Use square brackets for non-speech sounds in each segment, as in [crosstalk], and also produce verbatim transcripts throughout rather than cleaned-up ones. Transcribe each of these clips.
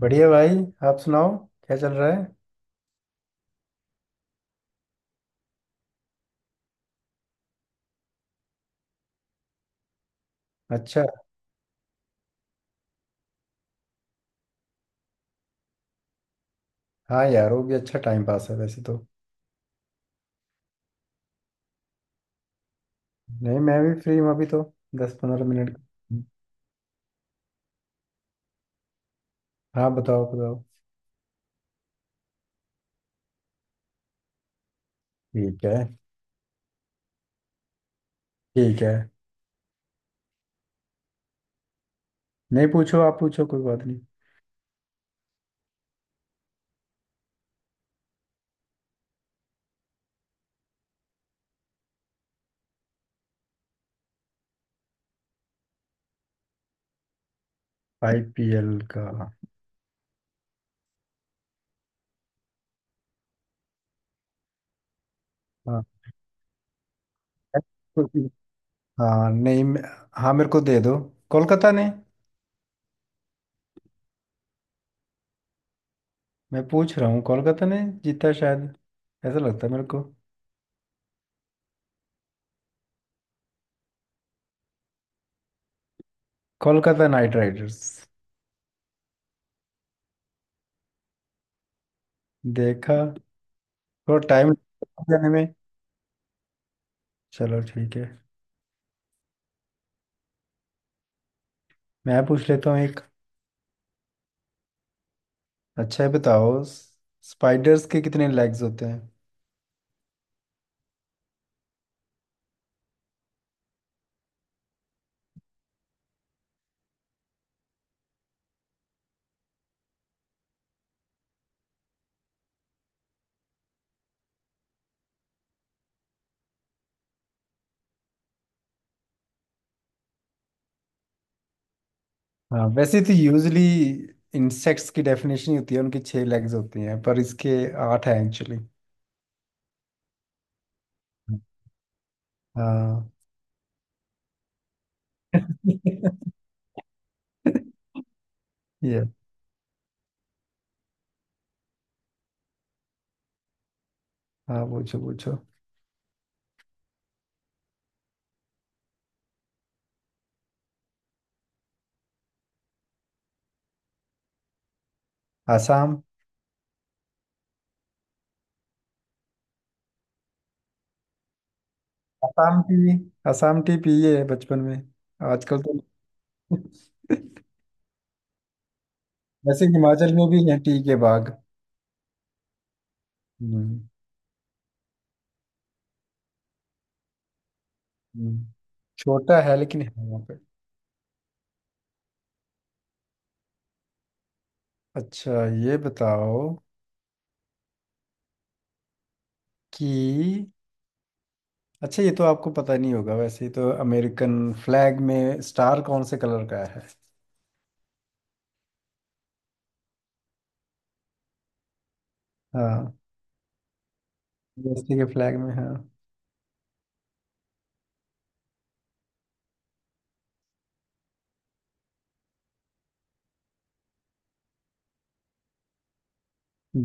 बढ़िया भाई। आप सुनाओ, क्या चल रहा है? अच्छा। हाँ यार, वो भी अच्छा टाइम पास है वैसे तो। नहीं, मैं भी फ्री हूँ अभी तो। दस पंद्रह मिनट। हाँ बताओ बताओ। ठीक है। ठीक है। नहीं, पूछो आप पूछो, कोई बात नहीं। आईपीएल का, हाँ। हाँ। नहीं मैं- हाँ, मेरे को दे दो। कोलकाता ने। मैं पूछ रहा हूँ, कोलकाता ने जीता शायद। ऐसा लगता है मेरे को। Kolkata knight riders. देखा, थोड़ा टाइम जाने में। चलो ठीक है। मैं पूछ लेता हूँ एक। अच्छा है बताओ। स्पाइडर्स के कितने लेग्स होते हैं? हाँ, वैसे तो यूजली इंसेक्ट्स की डेफिनेशन ही होती है उनकी छह लेग्स होती हैं, पर इसके आठ हैं एक्चुअली। हाँ। [laughs] ये। हाँ, पूछो पूछो। आसाम। आसाम टी। आसाम टी पिए है बचपन में। आजकल तो। [laughs] वैसे हिमाचल में भी है टी के बाग। हम्म। हम्म। छोटा है लेकिन है वहाँ पे। अच्छा ये बताओ कि, अच्छा ये तो आपको पता नहीं होगा वैसे ही, तो अमेरिकन फ्लैग में स्टार कौन से कलर का है? हाँ, यूएसए के फ्लैग में, हाँ।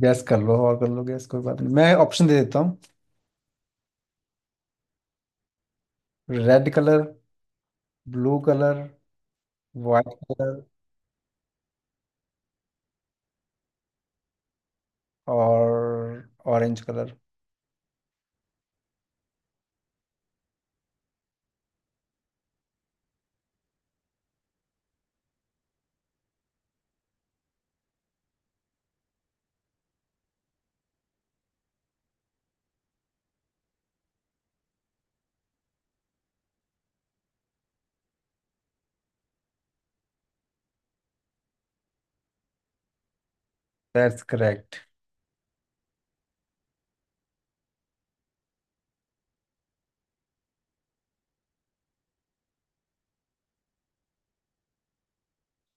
गैस कर लो, और कर लो गैस, कोई बात नहीं, मैं ऑप्शन दे देता हूँ। Red colour, blue colour, white colour, और ऑरेंज कलर। That's correct.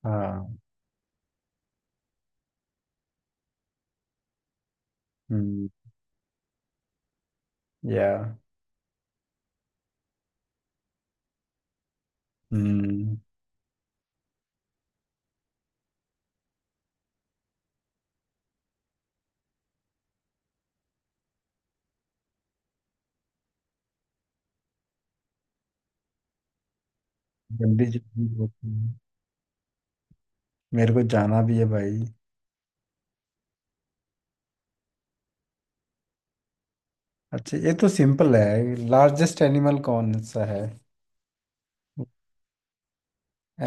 हाँ। हम्म। या। हम्म। जल्दी जल्दी होती है। मेरे को जाना भी है भाई। अच्छा ये तो सिंपल है, लार्जेस्ट एनिमल कौन सा है?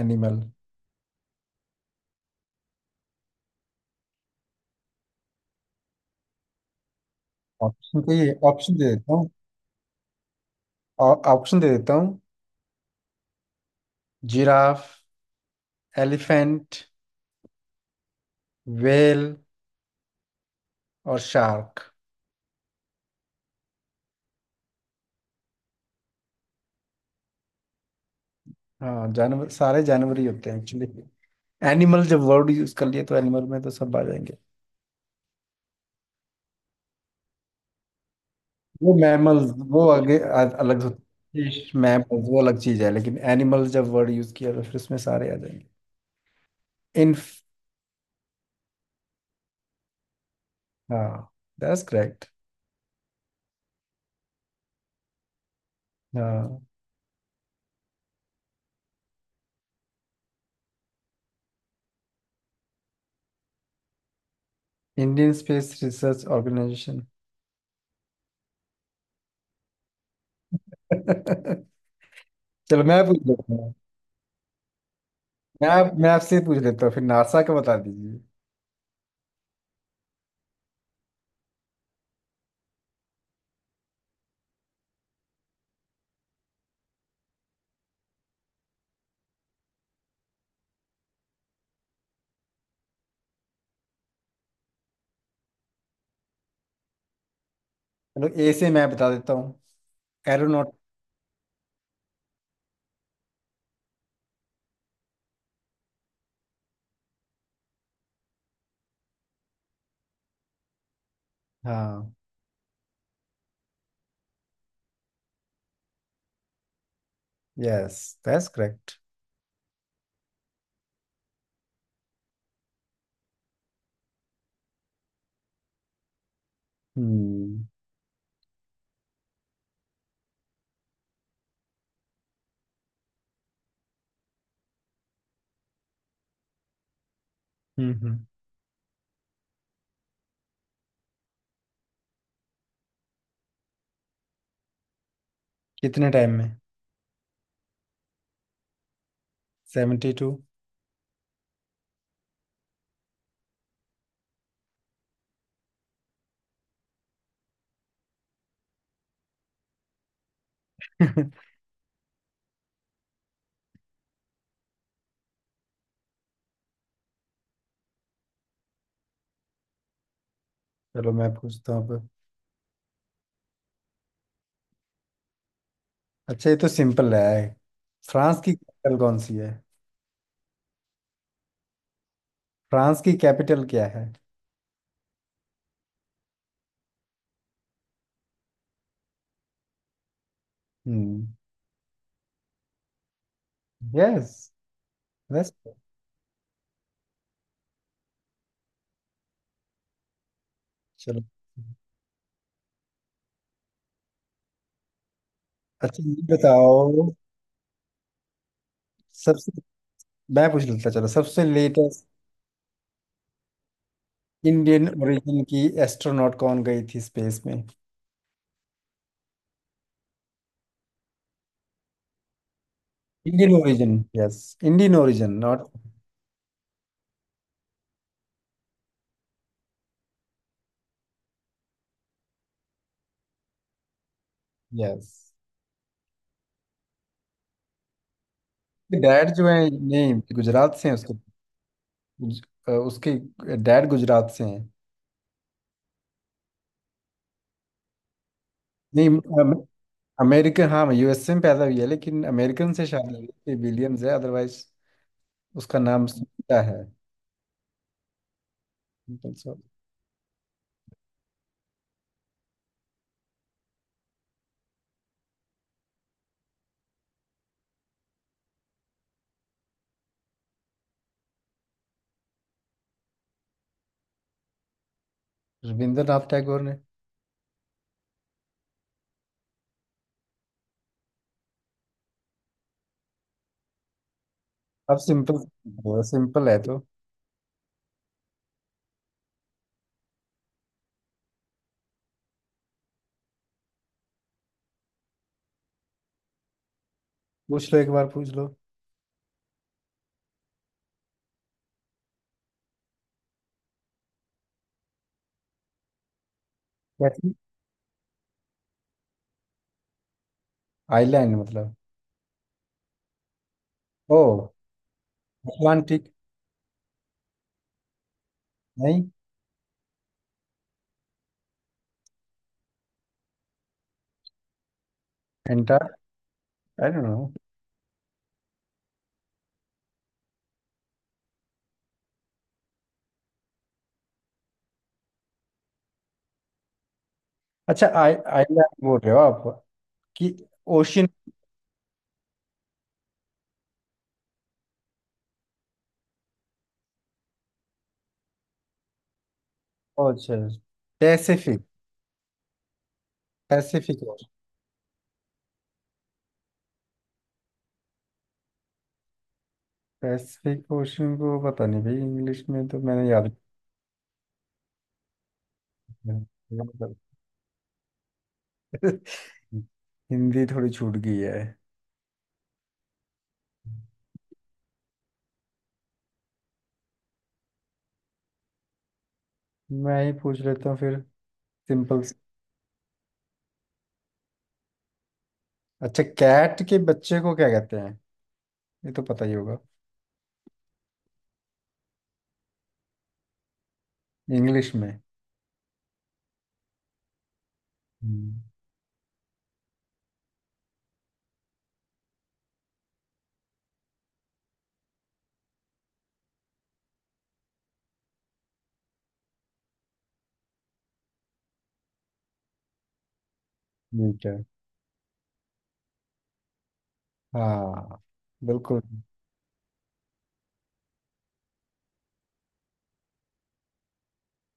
एनिमल। ऑप्शन तो, ये ऑप्शन दे देता हूँ। और ऑप्शन दे देता हूँ। जिराफ, एलिफेंट, वेल, और शार्क। हाँ, जानवर, सारे जानवर ही होते हैं एक्चुअली। एनिमल जब वर्ड यूज कर लिए, तो एनिमल में तो सब आ जाएंगे। वो मैमल्स वो आगे आ, अलग होते हैं, मैमल्स वो अलग चीज है, लेकिन एनिमल जब वर्ड यूज किया तो फिर उसमें सारे आ जाएंगे। इन। हाँ, दैट्स करेक्ट। हाँ। Indian space research organisation. [laughs] चलो मैं पूछ लेता मैं आप मैं आपसे पूछ लेता हूँ फिर, नासा का बता दीजिए। चलो, ए से मैं बता देता हूँ। एरोनॉट। हाँ। Yes, that's correct. हम्म। हम्म हम्म। कितने टाइम में? Seventy to. [laughs] चलो मैं पूछता हूँ अब। अच्छा ये तो सिंपल रहा है। फ्रांस की कैपिटल कौन सी है? फ्रांस की कैपिटल क्या है? हम्म। यस। यस। चलो। अच्छा ये बताओ। सबसे, मैं पूछ लेता, चलो, सबसे लेटेस्ट इंडियन ओरिजिन की एस्ट्रोनॉट कौन गई थी स्पेस में? Indian origin, yes. Indian origin not. Yes. Dad जो है नहीं, गुजरात से हैं उसके। गुज- अ, उसके डैड गुजरात से हैं। नहीं, अमेरिकन, हाँ, यूएसए में पैदा हुई है, लेकिन अमेरिकन से शादी, विलियम्स है अदरवाइज। उसका नाम सुनीता है। सिंपल सा। रविंद्रनाथ टैगोर ने। अब सिंपल सिंपल है तो। पूछ लो, एक बार पूछ लो। कैसी? आइलैंड मतलब? ओ, अटलांटिक। नहीं। एंटार्क, आई डोंट नो। अच्छा, आई, आइलैंड बोल रहे हो आप कि? ओशियन? अच्छा, Pacific. Pacific ocean. Pacific ocean को पता नहीं भाई, इंग्लिश में तो मैंने याद। मतलब। [laughs] हिंदी थोड़ी छूट गई है। मैं ही पूछ लेता हूँ फिर। सिंपल। अच्छा, कैट के बच्चे को क्या कहते हैं? ये तो पता ही होगा। इंग्लिश में। हम्म। ठीक है। हाँ, बिल्कुल।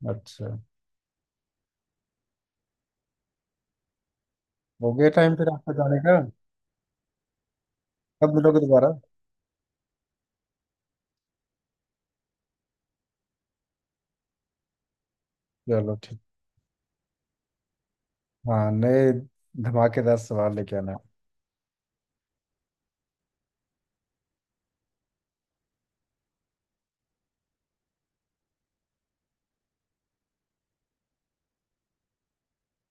अच्छा। हो गया टाइम, फिर आपका जाने का। कब मिलोगे दोबारा? चलो ठीक। हाँ, नए धमाकेदार सवाल लेके आना।